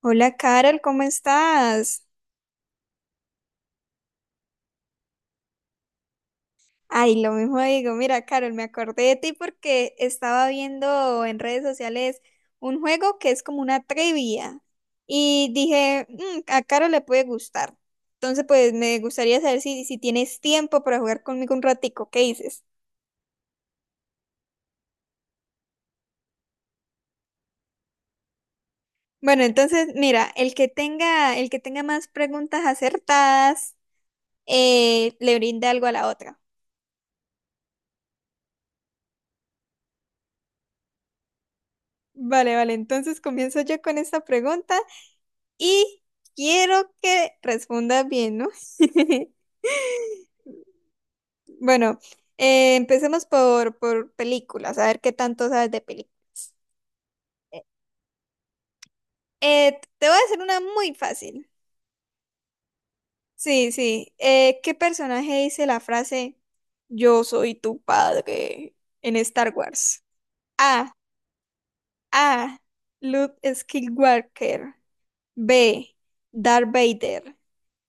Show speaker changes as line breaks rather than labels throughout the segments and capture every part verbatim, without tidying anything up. Hola Carol, ¿cómo estás? Ay, lo mismo digo, mira Carol, me acordé de ti porque estaba viendo en redes sociales un juego que es como una trivia y dije, "Mm, a Carol le puede gustar". Entonces, pues me gustaría saber si, si tienes tiempo para jugar conmigo un ratico, ¿qué dices? Bueno, entonces, mira, el que tenga, el que tenga más preguntas acertadas, eh, le brinda algo a la otra. Vale, vale, entonces comienzo yo con esta pregunta. Y quiero que respondas bien, ¿no? Bueno, eh, empecemos por, por películas, a ver qué tanto sabes de películas. Eh, eh, te voy a hacer una muy fácil. Sí, sí. Eh, ¿qué personaje dice la frase "Yo soy tu padre" en Star Wars? A. A. Luke Skywalker. B. Darth Vader.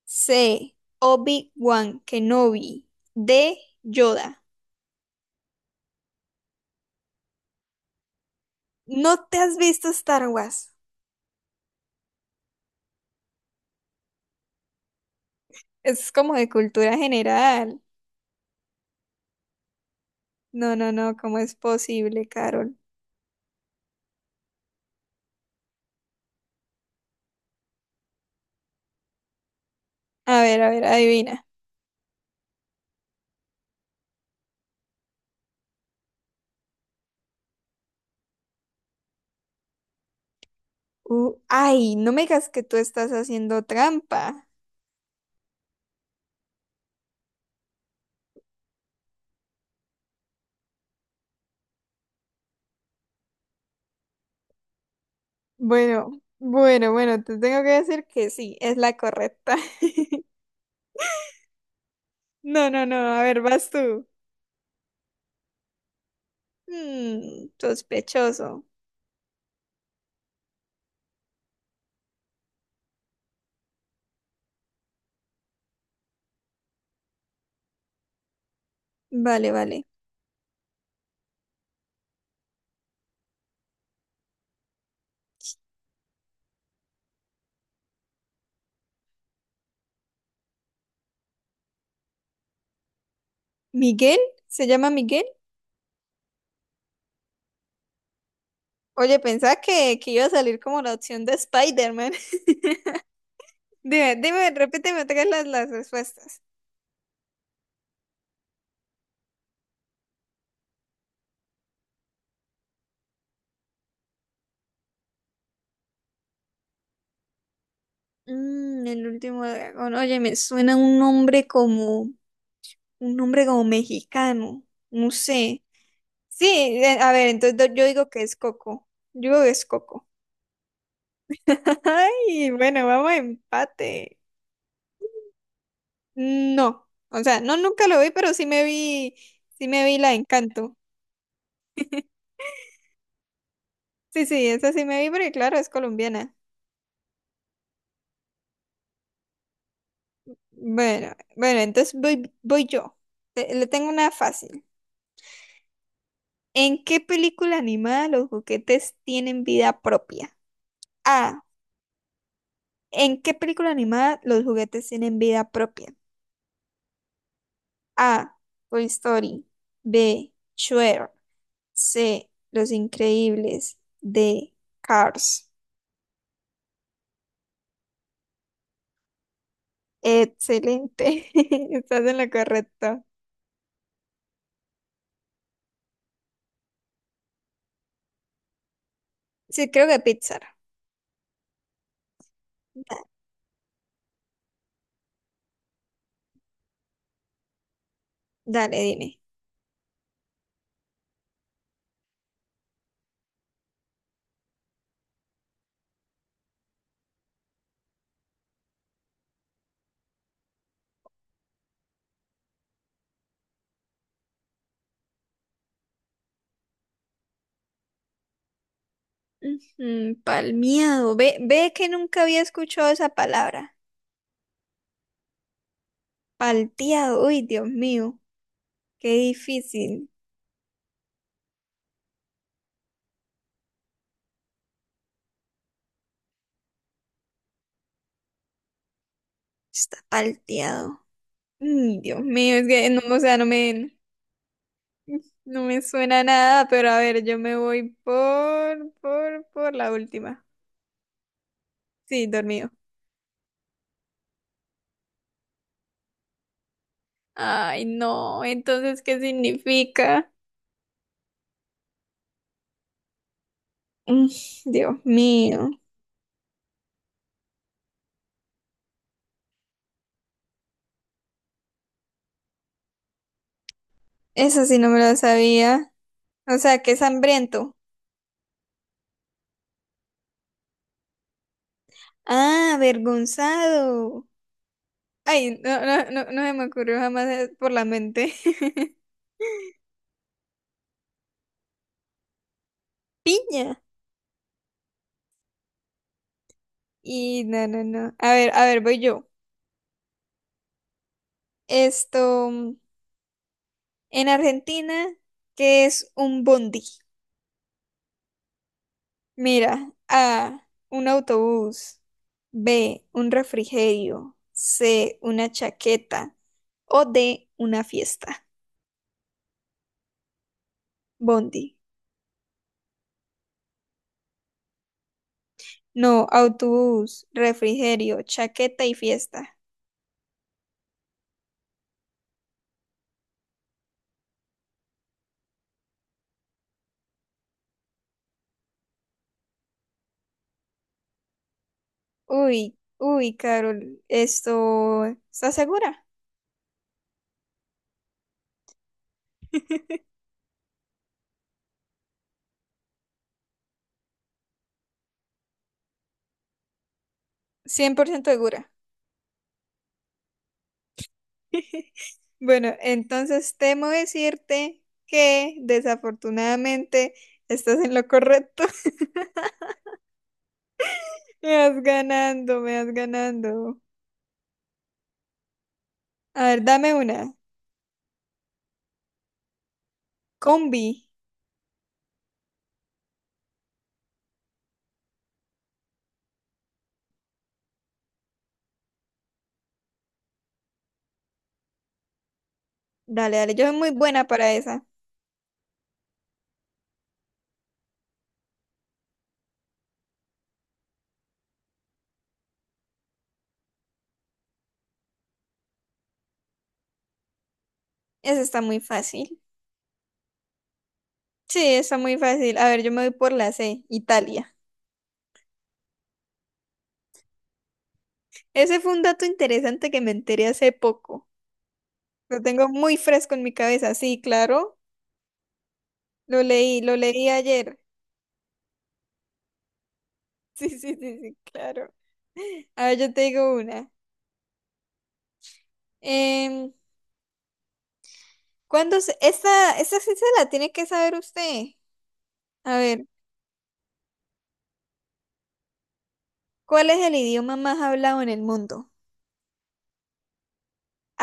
C. Obi-Wan Kenobi. D. Yoda. ¿No te has visto Star Wars? Es como de cultura general. No, no, no, ¿cómo es posible, Carol? A ver, a ver, adivina. Uh, ay, no me digas que tú estás haciendo trampa. Bueno, bueno, bueno, te tengo que decir que sí, es la correcta. No, no, no, a ver, vas tú. Mm, sospechoso. Vale, vale. ¿Miguel? ¿Se llama Miguel? Oye, pensaba que, que iba a salir como la opción de Spider-Man. Dime, dime, repíteme otra vez las, las respuestas. Mm, el último dragón. Oye, me suena un nombre como, un nombre como mexicano. No sé. Sí, eh, a ver, entonces do- yo digo que es Coco. Yo digo que es Coco. Ay, bueno, vamos a empate. No, o sea, no nunca lo vi, pero sí me vi, sí me vi la de Encanto. Sí, sí, esa sí me vi, porque claro, es colombiana. Bueno, bueno, entonces voy, voy yo. Te- le tengo una fácil. ¿En qué película animada los juguetes tienen vida propia? A. ¿En qué película animada los juguetes tienen vida propia? A. Toy Story. B. Shrek. C. Los Increíbles. D. Cars. Excelente. Estás en lo correcto. Sí, creo que Pixar. Da- Dale, dime. Ujú, palmeado. Ve, ve que nunca había escuchado esa palabra. Palteado. Uy, Dios mío. Qué difícil. Está palteado. Mm, Dios mío, es que no, o sea, no me, no me suena nada, pero a ver, yo me voy por, por, por la última. Sí, dormido. Ay, no, entonces, ¿qué significa? Mm, Dios mío, eso sí no me lo sabía. O sea, que es hambriento. Ah, avergonzado. Ay, no, no, no, no se me ocurrió jamás eh, por la mente. Piña. Y no, no, no. A ver, a ver, voy yo. Esto. En Argentina, ¿qué es un bondi? Mira, A, un autobús, B, un refrigerio, C, una chaqueta o D, una fiesta. Bondi. No, autobús, refrigerio, chaqueta y fiesta. Uy, uy, Carol, esto... ¿Estás segura? Cien por ciento segura. Bueno, entonces temo decirte que desafortunadamente estás en lo correcto. Me vas ganando, me vas ganando. A ver, dame una. Combi. Dale, dale. Yo soy muy buena para esa. Esa está muy fácil. Sí, está muy fácil. A ver, yo me voy por la C, Italia. Ese fue un dato interesante que me enteré hace poco. Lo tengo muy fresco en mi cabeza. Sí, claro. Lo leí, lo leí ayer. Sí, sí, sí, sí, claro. A ver, yo te digo una. Em, ¿cuándo se- esta, esta sí se la tiene que saber usted. A ver, ¿cuál es el idioma más hablado en el mundo?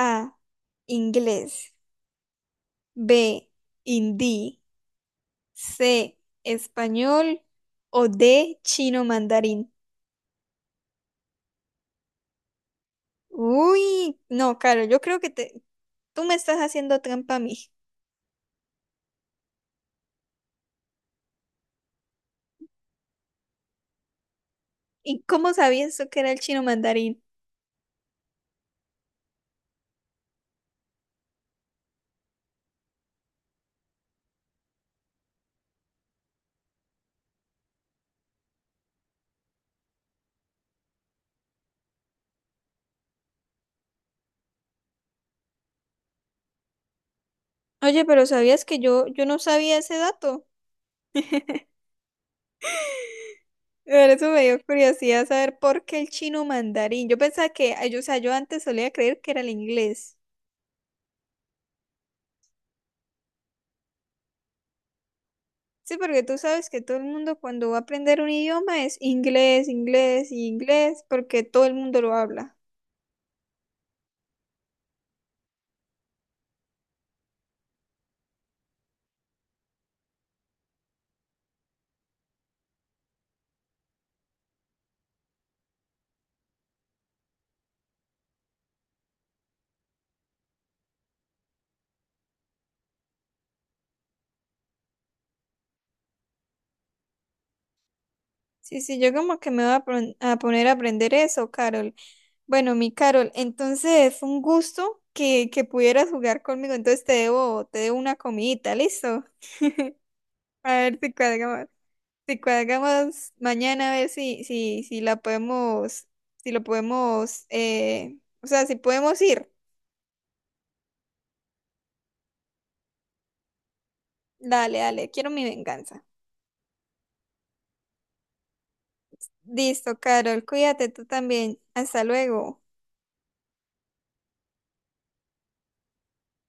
A, inglés, B, hindi, C, español o D, chino mandarín. Uy, no, Caro, yo creo que te, tú me estás haciendo trampa a mí. ¿Y cómo sabías tú que era el chino mandarín? Oye, pero ¿sabías que yo, yo no sabía ese dato? Por eso me dio curiosidad saber por qué el chino mandarín. Yo pensaba que, ay, yo, o sea, yo antes solía creer que era el inglés. Sí, porque tú sabes que todo el mundo cuando va a aprender un idioma es inglés, inglés y inglés, porque todo el mundo lo habla. Sí, sí, yo como que me voy a, pon- a poner a aprender eso, Carol. Bueno, mi Carol, entonces fue un gusto que, que pudieras jugar conmigo, entonces te debo, te debo una comidita, ¿listo? A ver si cuadramos, si cuadramos mañana, a ver si, si, si la podemos, si lo podemos, eh, o sea, si podemos ir. Dale, dale, quiero mi venganza. Listo, Carol, cuídate tú también. Hasta luego.